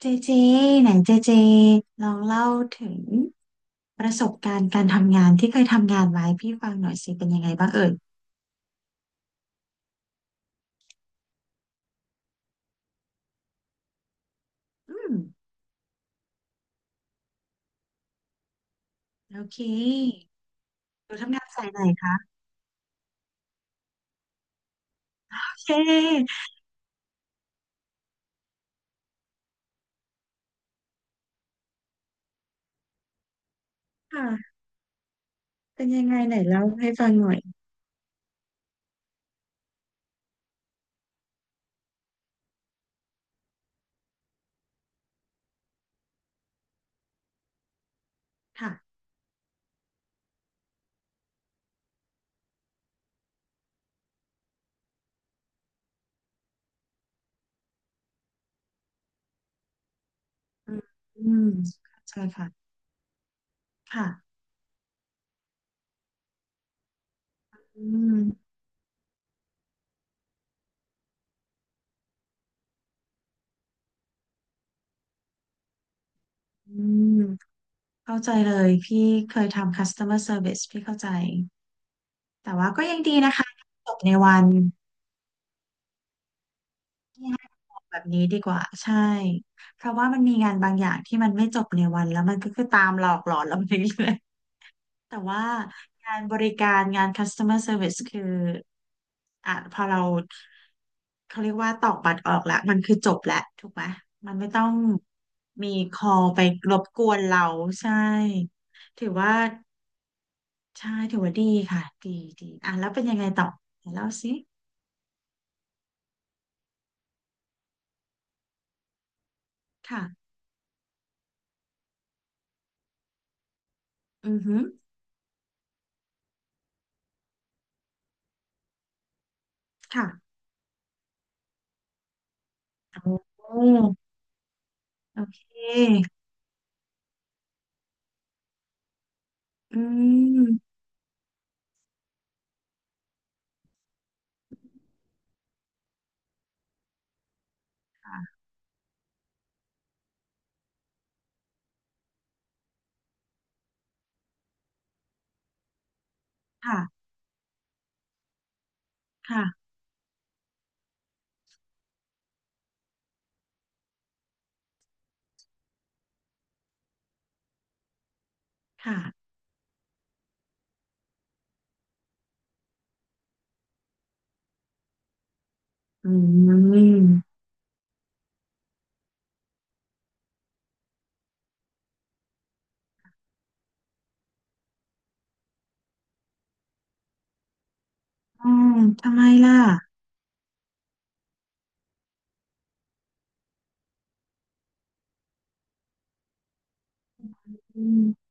เจเจไหนเจเจลองเล่าถึงประสบการณ์การทำงานที่เคยทำงานไว้พี่ฟังหน่อยสิเป็นยังไงบ้างเอ่ยอืมโอเคหนูทำงานสายไหนคะโอเคค่ะเป็นยังไงไหนเล่าให้ฟังหน่อยค่ะอืมอืมเข้าใจค่ะค่ะอืมอืมเข้าใจเลยพี่เคยทำ customer service พี่เข้าใจแต่ว่าก็ยังดีนะคะจบในวัน ให้บอกแบบนี้ดีกว่าใช่เพราะว่ามันมีงานบางอย่างที่มันไม่จบในวันแล้วมันก็คือตามหลอกหลอนเราไปเรื่อยๆแต่ว่างานบริการงาน customer service คืออ่ะพอเราเขาเรียกว่าตอกบัตรออกแล้วมันคือจบแล้วถูกไหมมันไม่ต้องมีคอลไปรบกวนเราใช่ถือว่าใช่ถือว่าดีค่ะดีดีอ่ะแล้วเป็นยังไงต่อไหนเล่าสิค่ะอือฮึค่ะโอ้ โอเคอืมค่ะค่ะค่ะอืมอืมทำไมล่ะอืม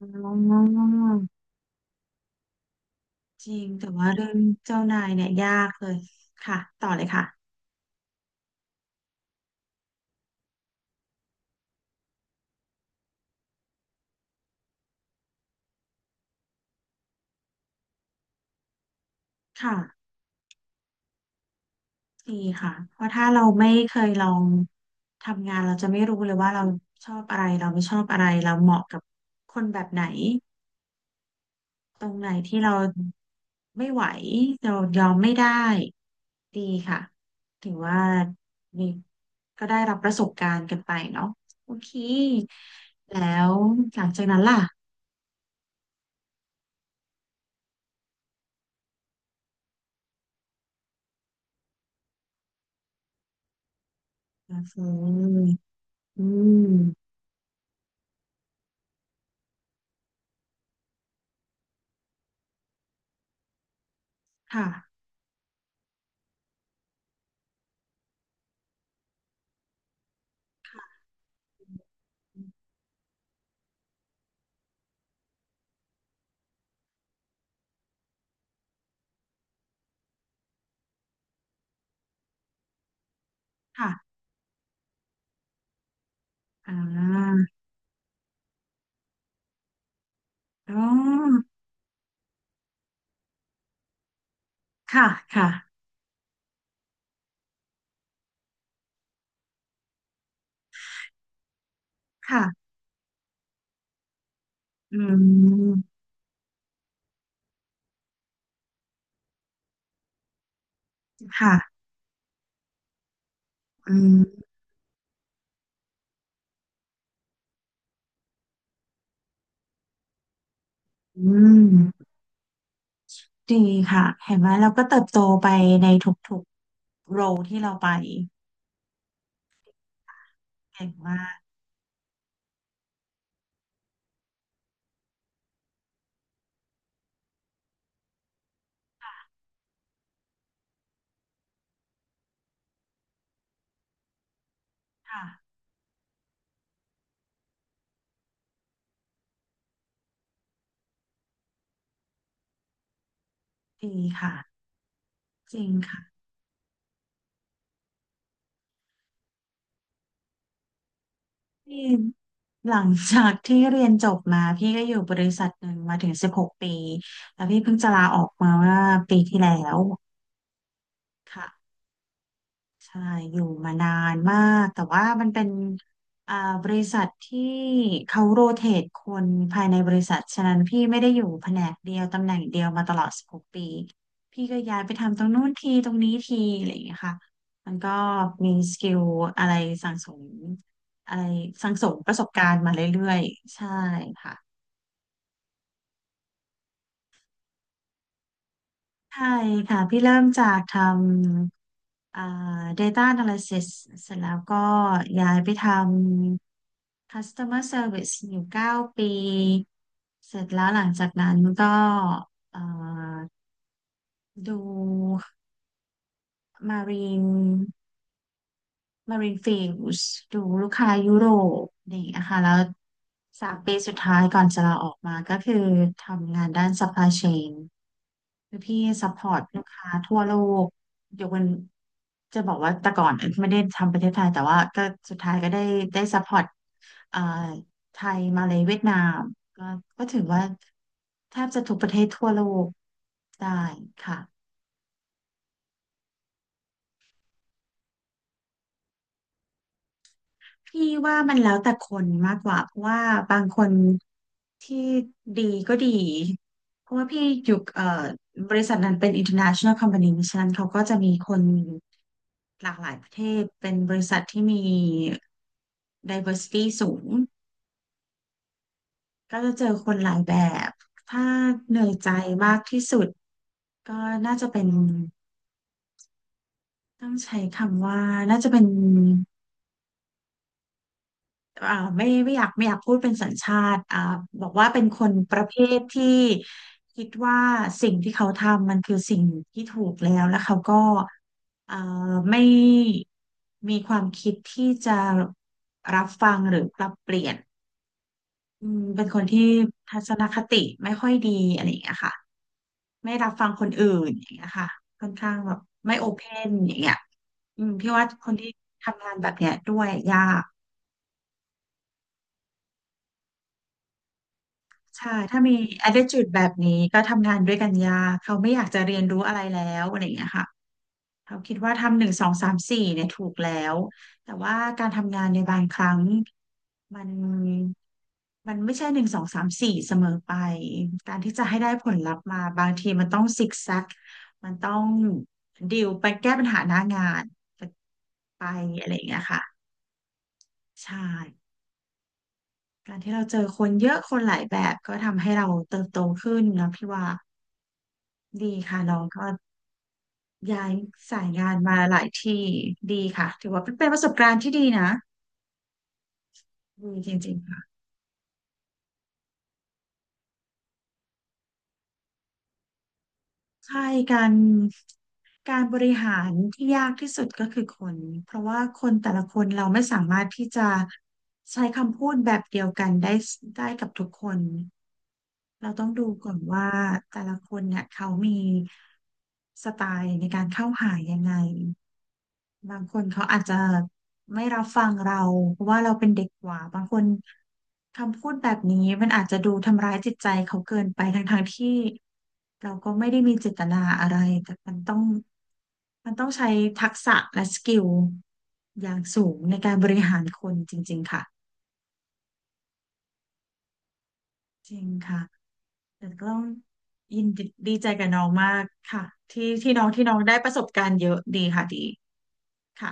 อ๋อจริงแต่ว่าเรื่องเจ้านายเนี่ยยากเลยค่ะต่อเลยค่ะค่ะดีค่ะเพราะถ้าเราไม่เคยลองทำงานเราจะไม่รู้เลยว่าเราชอบอะไรเราไม่ชอบอะไรเราเหมาะกับคนแบบไหน ตรงไหนที่เราไม่ไหวเรายอมไม่ได้ดีค่ะถือว่ามีก็ได้รับประสบการณ์กันไปเนาะโอเคแล้วหลังจากนั้นล่ะก็คืออืมค่ะค่ะอ่าอ๋อค่ะค่ะค่ะอืมค่ะอืมอืมดีค่ะเห็นไหมเราก็เติบโตไปในทุกๆโรที่เราไป เก่งมากค่ะดีค่ะจริงค่ะพี่หลังจากที่เรียนจบมาพี่ก็อยู่บริษัทหนึ่งมาถึงสิบหกปีแล้วพี่เพิ่งจะลาออกมาเมื่อปีที่แล้วค่ะ ใช่อยู่มานานมากแต่ว่ามันเป็นอ่าบริษัทที่เขาโรเตทคนภายในบริษัทฉะนั้นพี่ไม่ได้อยู่แผนกเดียวตำแหน่งเดียวมาตลอดสิบหกปีพี่ก็ย้ายไปทำตรงนู้นทีตรงนี้ทีอะไรอย่างเงี้ยค่ะมันก็มีสกิลอะไรสั่งสมอะไรประสบการณ์มาเรื่อยๆใช่ค่ะใช่ค่ะพี่เริ่มจากทำData Analysis เสร็จแล้วก็ย้ายไปท customer service อยู่9 ปีเสร็จแล้วหลังจากนั้นก็เอ่อดู marine Marine Fields ดูลูกค้ายุโรปนี่นะคะแล้ว3 ปีสุดท้ายก่อนจะลาออกมาก็คือทำงานด้าน supply chain คือพี่ซัพพอร์ตลูกค้าทั่วโลกยกเว้นจะบอกว่าแต่ก่อนไม่ได้ทำประเทศไทยแต่ว่าก็สุดท้ายก็ได้ซัพพอร์ตเอ่อไทยมาเลเวียดนามก็ก็ถือว่าแทบจะทุกประเทศทั่วโลกได้ค่ะ พี่ว่ามันแล้วแต่คนมากกว่าเพราะว่าบางคนที่ดีก็ดีเพราะว่าพี่อยู่บริษัทนั้นเป็น international company เพราะฉะนั้นเขาก็จะมีคนหลากหลายประเทศเป็นบริษัทที่มี diversity สูงก็จะเจอคนหลายแบบถ้าเหนื่อยใจมากที่สุดก็น่าจะเป็นต้องใช้คำว่าน่าจะเป็น อ่าไม่ไม่อยากพูดเป็นสัญชาติบอกว่าเป็นคนประเภทที่คิดว่าสิ่งที่เขาทำมันคือสิ่งที่ถูกแล้วแล้วเขาก็เอ่อไม่มีความคิดที่จะรับฟังหรือปรับเปลี่ยนอืมเป็นคนที่ทัศนคติไม่ค่อยดีอะไรอย่างเงี้ยค่ะไม่รับฟังคนอื่นอย่างเงี้ยค่ะค่อนข้างแบบไม่โอเพนอย่างเงี้ยอืมพี่ว่าคนที่ทำงานแบบเนี้ยด้วยยาก ใช่ ถ้ามี attitude แบบนี้ก็ทำงานด้วยกันยากเขาไม่อยากจะเรียนรู้อะไรแล้วอะไรอย่างเงี้ยค่ะ เขาคิดว่าทำหนึ่งสองสามสี่เนี่ยถูกแล้ว แต่ว่าการทำงานในบางครั้งมันมันไม่ใช่หนึ่งสองสามสี่เสมอไป การที่จะให้ได้ผลลัพธ์มาบางทีมันต้องซิกแซกมันต้องดิวไปแก้ปัญหาหน้างานไปอะไรอย่างเงี้ยค่ะ ใช่ การที่เราเจอคนเยอะคนหลายแบบก็ทำให้เราเติบโตขึ้นนะพี่ว่าดีค่ะน้องก็ย้ายสายงานมาหลายที่ดีค่ะถือว่าเป็นประสบการณ์ที่ดีนะดีจริงๆค่ะ ใช่การการบริหารที่ยากที่สุดก็คือคนเพราะว่าคนแต่ละคนเราไม่สามารถที่จะใช้คำพูดแบบเดียวกันได้ได้กับทุกคนเราต้องดูก่อนว่าแต่ละคนเนี่ยเขามีสไตล์ในการเข้าหายังไง บางคนเขาอาจจะไม่รับฟังเราเพราะว่าเราเป็นเด็กกว่าบางคนคำพูดแบบนี้มันอาจจะดูทำร้ายจิตใจเขาเกินไปทั้งๆที่เราก็ไม่ได้มีเจตนาอะไรแต่มันต้องใช้ทักษะและสกิลอย่างสูงในการบริหารคนจริงๆค่ะจริงค่ะแต่ก็ต้องยินดีดีใจกับน้องมากค่ะที่น้องได้ประสบการณ์เยอะดีค่ะดีค่ะ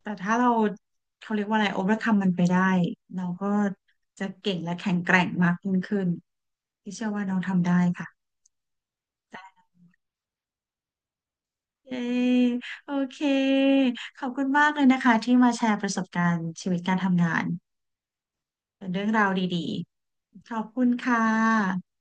แต่ถ้าเราเขาเรียกว่าอะไร overcome มันไปได้ เราก็จะเก่งและแข็งแกร่งมากยิ่งขึ้น ที่เชื่อว่าน้องทำได้ค่ะเย้โอเค ขอบคุณมากเลยนะคะที่มาแชร์ประสบการณ์ชีวิตการทำงานเป็นเรื่องราวดีๆ ขอบคุณค่ะ